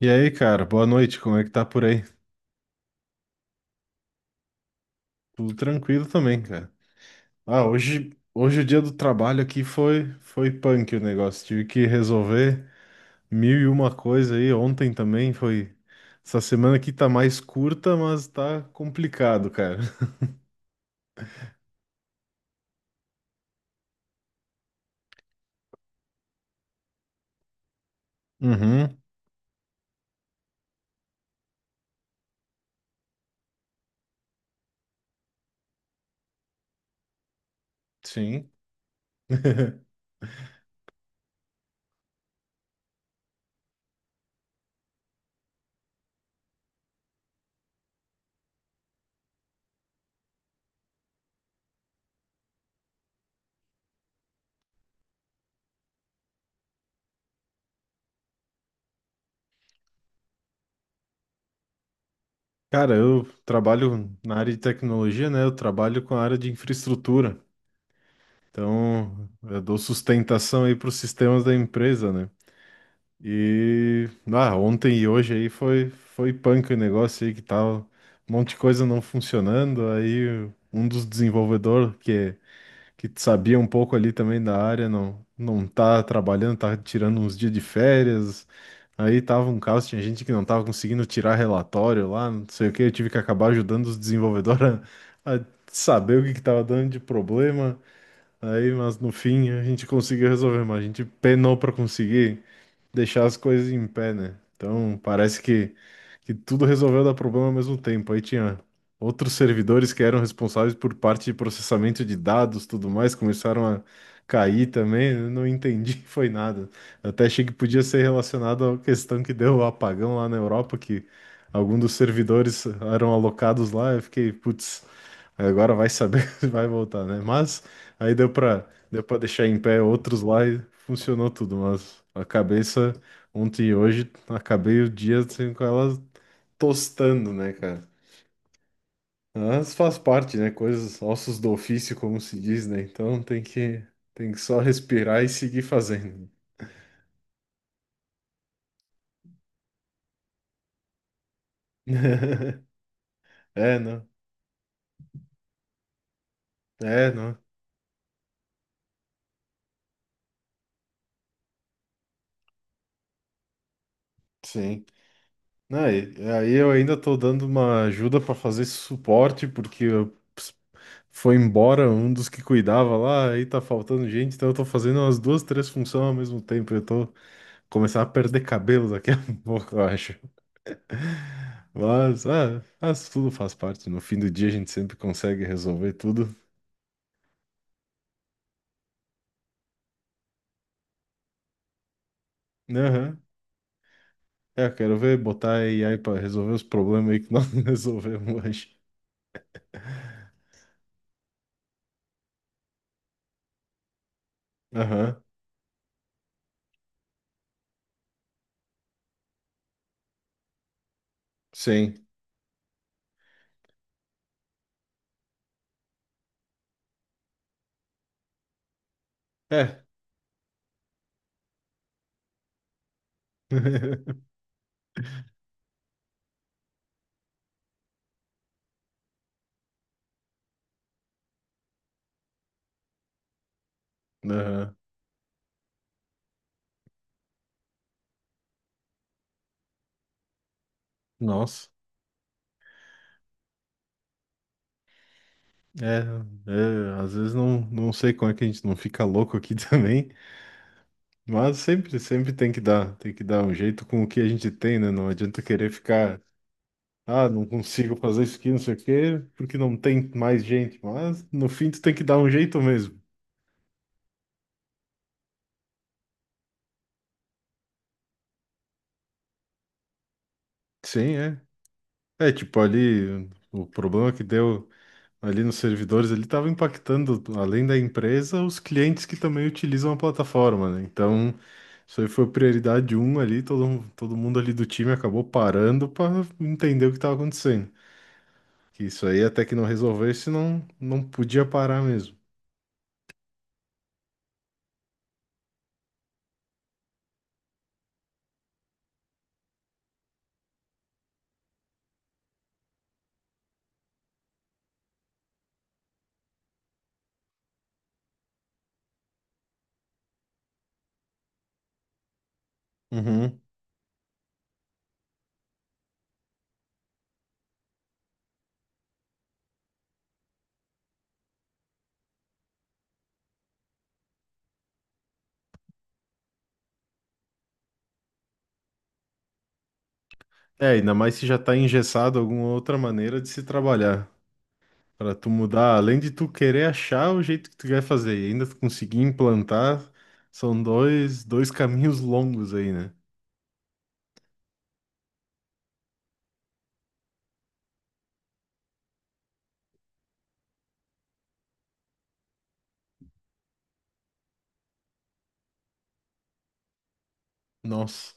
E aí, cara, boa noite. Como é que tá por aí? Tudo tranquilo também, cara. Ah, hoje o dia do trabalho aqui foi punk o negócio. Tive que resolver mil e uma coisa aí. Ontem também foi. Essa semana aqui tá mais curta, mas tá complicado, cara. Uhum, sim. Cara, eu trabalho na área de tecnologia, né? Eu trabalho com a área de infraestrutura. Então, eu dou sustentação aí para os sistemas da empresa, né? E ah, ontem e hoje aí foi punk o negócio aí que tava um monte de coisa não funcionando, aí um dos desenvolvedores que sabia um pouco ali também da área não tá trabalhando, tá tirando uns dias de férias. Aí tava um caos, tinha gente que não tava conseguindo tirar relatório lá, não sei o que, eu tive que acabar ajudando os desenvolvedores a saber o que que tava dando de problema. Aí, mas no fim a gente conseguiu resolver, mas a gente penou pra conseguir deixar as coisas em pé, né? Então, parece que tudo resolveu dar problema ao mesmo tempo. Aí tinha outros servidores que eram responsáveis por parte de processamento de dados, tudo mais, começaram a cair também. Eu não entendi, foi nada. Eu até achei que podia ser relacionado à questão que deu o apagão lá na Europa, que algum dos servidores eram alocados lá. Eu fiquei, putz, agora vai saber se vai voltar, né? Mas aí deu para deixar em pé outros lá e funcionou tudo, mas a cabeça ontem e hoje acabei o dia assim, com ela tostando, né, cara? Mas faz parte, né? Coisas, ossos do ofício, como se diz, né? Então tem que só respirar e seguir fazendo. É, não. É, não. Sim. Não, aí eu ainda tô dando uma ajuda para fazer esse suporte, porque foi embora um dos que cuidava lá, aí tá faltando gente, então eu tô fazendo umas duas, três funções ao mesmo tempo. Eu tô começando a perder cabelo daqui a pouco, eu acho. Mas, ah, mas tudo faz parte. No fim do dia a gente sempre consegue resolver tudo. Aham. É, quero ver botar a AI para resolver os problemas aí que nós não resolvemos hoje. Aham. Sim. É. Aham. Nossa. É, é, às vezes não sei como é que a gente não fica louco aqui também, mas sempre, sempre tem que dar um jeito com o que a gente tem, né? Não adianta querer ficar: ah, não consigo fazer isso aqui, não sei o quê, porque não tem mais gente. Mas no fim tu tem que dar um jeito mesmo. Sim, é. É, tipo, ali o problema que deu ali nos servidores, ele estava impactando, além da empresa, os clientes que também utilizam a plataforma, né? Então, isso aí foi prioridade um ali, todo mundo ali do time acabou parando para entender o que estava acontecendo. Que isso aí até que não resolvesse, não podia parar mesmo. É, ainda mais se já tá engessado alguma outra maneira de se trabalhar. Pra tu mudar, além de tu querer achar o jeito que tu quer fazer e ainda tu conseguir implantar, são dois caminhos longos aí, né? Nossa.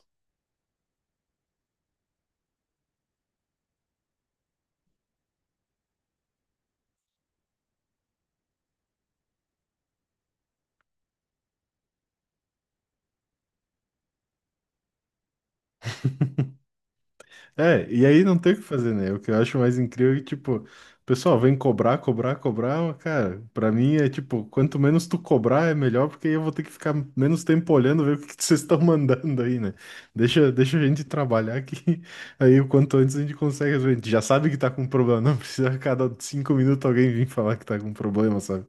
É, e aí não tem o que fazer, né? O que eu acho mais incrível é que, tipo, o pessoal vem cobrar, cobrar, cobrar, mas, cara, pra mim é tipo, quanto menos tu cobrar é melhor, porque aí eu vou ter que ficar menos tempo olhando, ver o que que vocês estão mandando aí, né? Deixa a gente trabalhar que aí o quanto antes a gente consegue resolver. A gente já sabe que tá com problema, não precisa a cada 5 minutos alguém vir falar que tá com problema, sabe?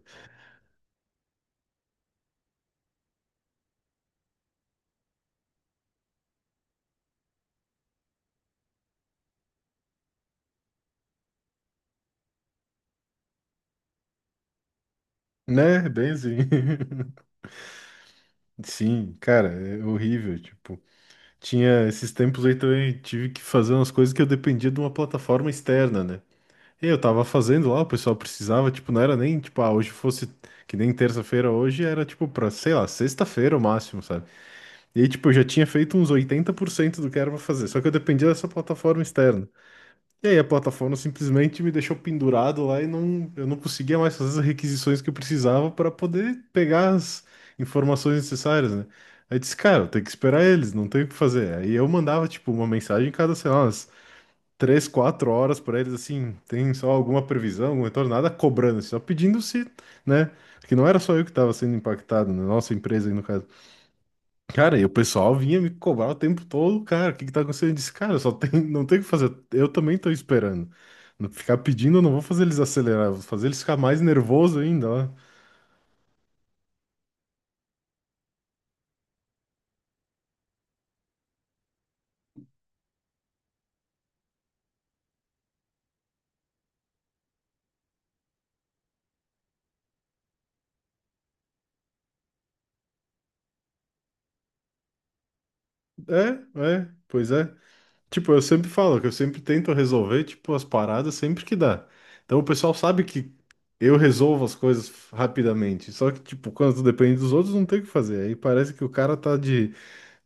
Né? Bem assim. Sim, cara, é horrível, tipo. Tinha esses tempos aí também, tive que fazer umas coisas que eu dependia de uma plataforma externa, né? E eu tava fazendo lá, o pessoal precisava, tipo, não era nem, tipo, ah, hoje fosse, que nem terça-feira hoje, era, tipo, pra, sei lá, sexta-feira o máximo, sabe? E aí, tipo, eu já tinha feito uns 80% do que era pra fazer, só que eu dependia dessa plataforma externa. E aí a plataforma simplesmente me deixou pendurado lá e não, eu não conseguia mais fazer as requisições que eu precisava para poder pegar as informações necessárias, né? Aí eu disse, cara, eu tenho que esperar eles, não tenho o que fazer. Aí eu mandava, tipo, uma mensagem cada, sei lá, umas três, quatro horas para eles, assim, tem só alguma previsão, algum retorno, nada cobrando, assim, só pedindo se, né? Que não era só eu que estava sendo impactado, né? Nossa empresa aí no caso. Cara, e o pessoal vinha me cobrar o tempo todo, cara, o que que tá acontecendo? Eu disse, cara, só tem, não tem o que fazer, eu também tô esperando. Não ficar pedindo, eu não vou fazer eles acelerar, vou fazer eles ficar mais nervoso ainda, ó. É, é, pois é. Tipo, eu sempre falo que eu sempre tento resolver, tipo, as paradas sempre que dá. Então o pessoal sabe que eu resolvo as coisas rapidamente, só que, tipo, quando depende dos outros, não tem o que fazer. Aí parece que o cara tá de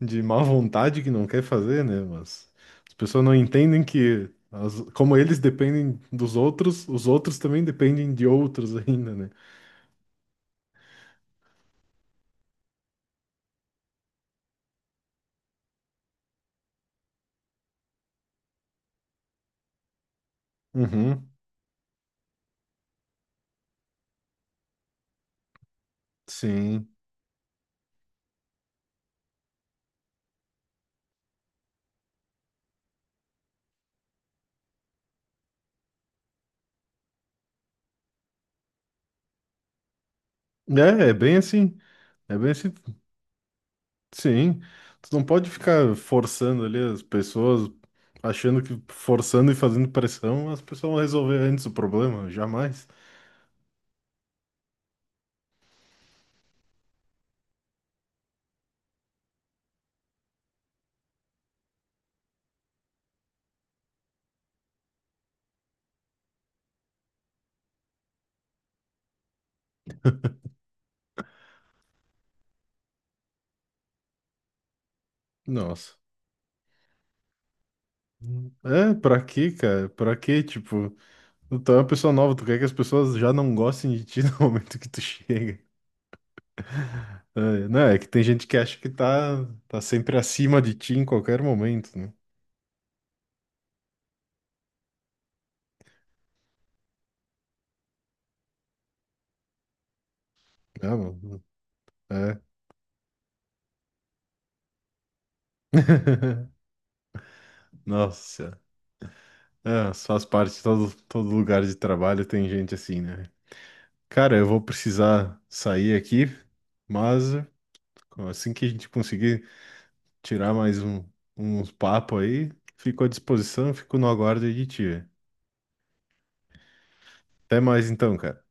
de má vontade que não quer fazer, né? Mas as pessoas não entendem que como eles dependem dos outros, os outros também dependem de outros ainda, né? Uhum, sim. É, é bem assim. É bem assim. Sim. Tu não pode ficar forçando ali as pessoas, achando que forçando e fazendo pressão, as pessoas vão resolver antes o problema. Jamais. Nossa. É, pra quê, cara? Pra quê, tipo? Tu é uma pessoa nova, tu quer que as pessoas já não gostem de ti no momento que tu chega. É, não, é que tem gente que acha que tá sempre acima de ti em qualquer momento, né? Ah, mano, é. Nossa, Senhora. É, mas faz parte, todo lugar de trabalho tem gente assim, né? Cara, eu vou precisar sair aqui, mas assim que a gente conseguir tirar mais um, uns papo aí, fico à disposição, fico no aguardo aí de ti. Até mais então, cara.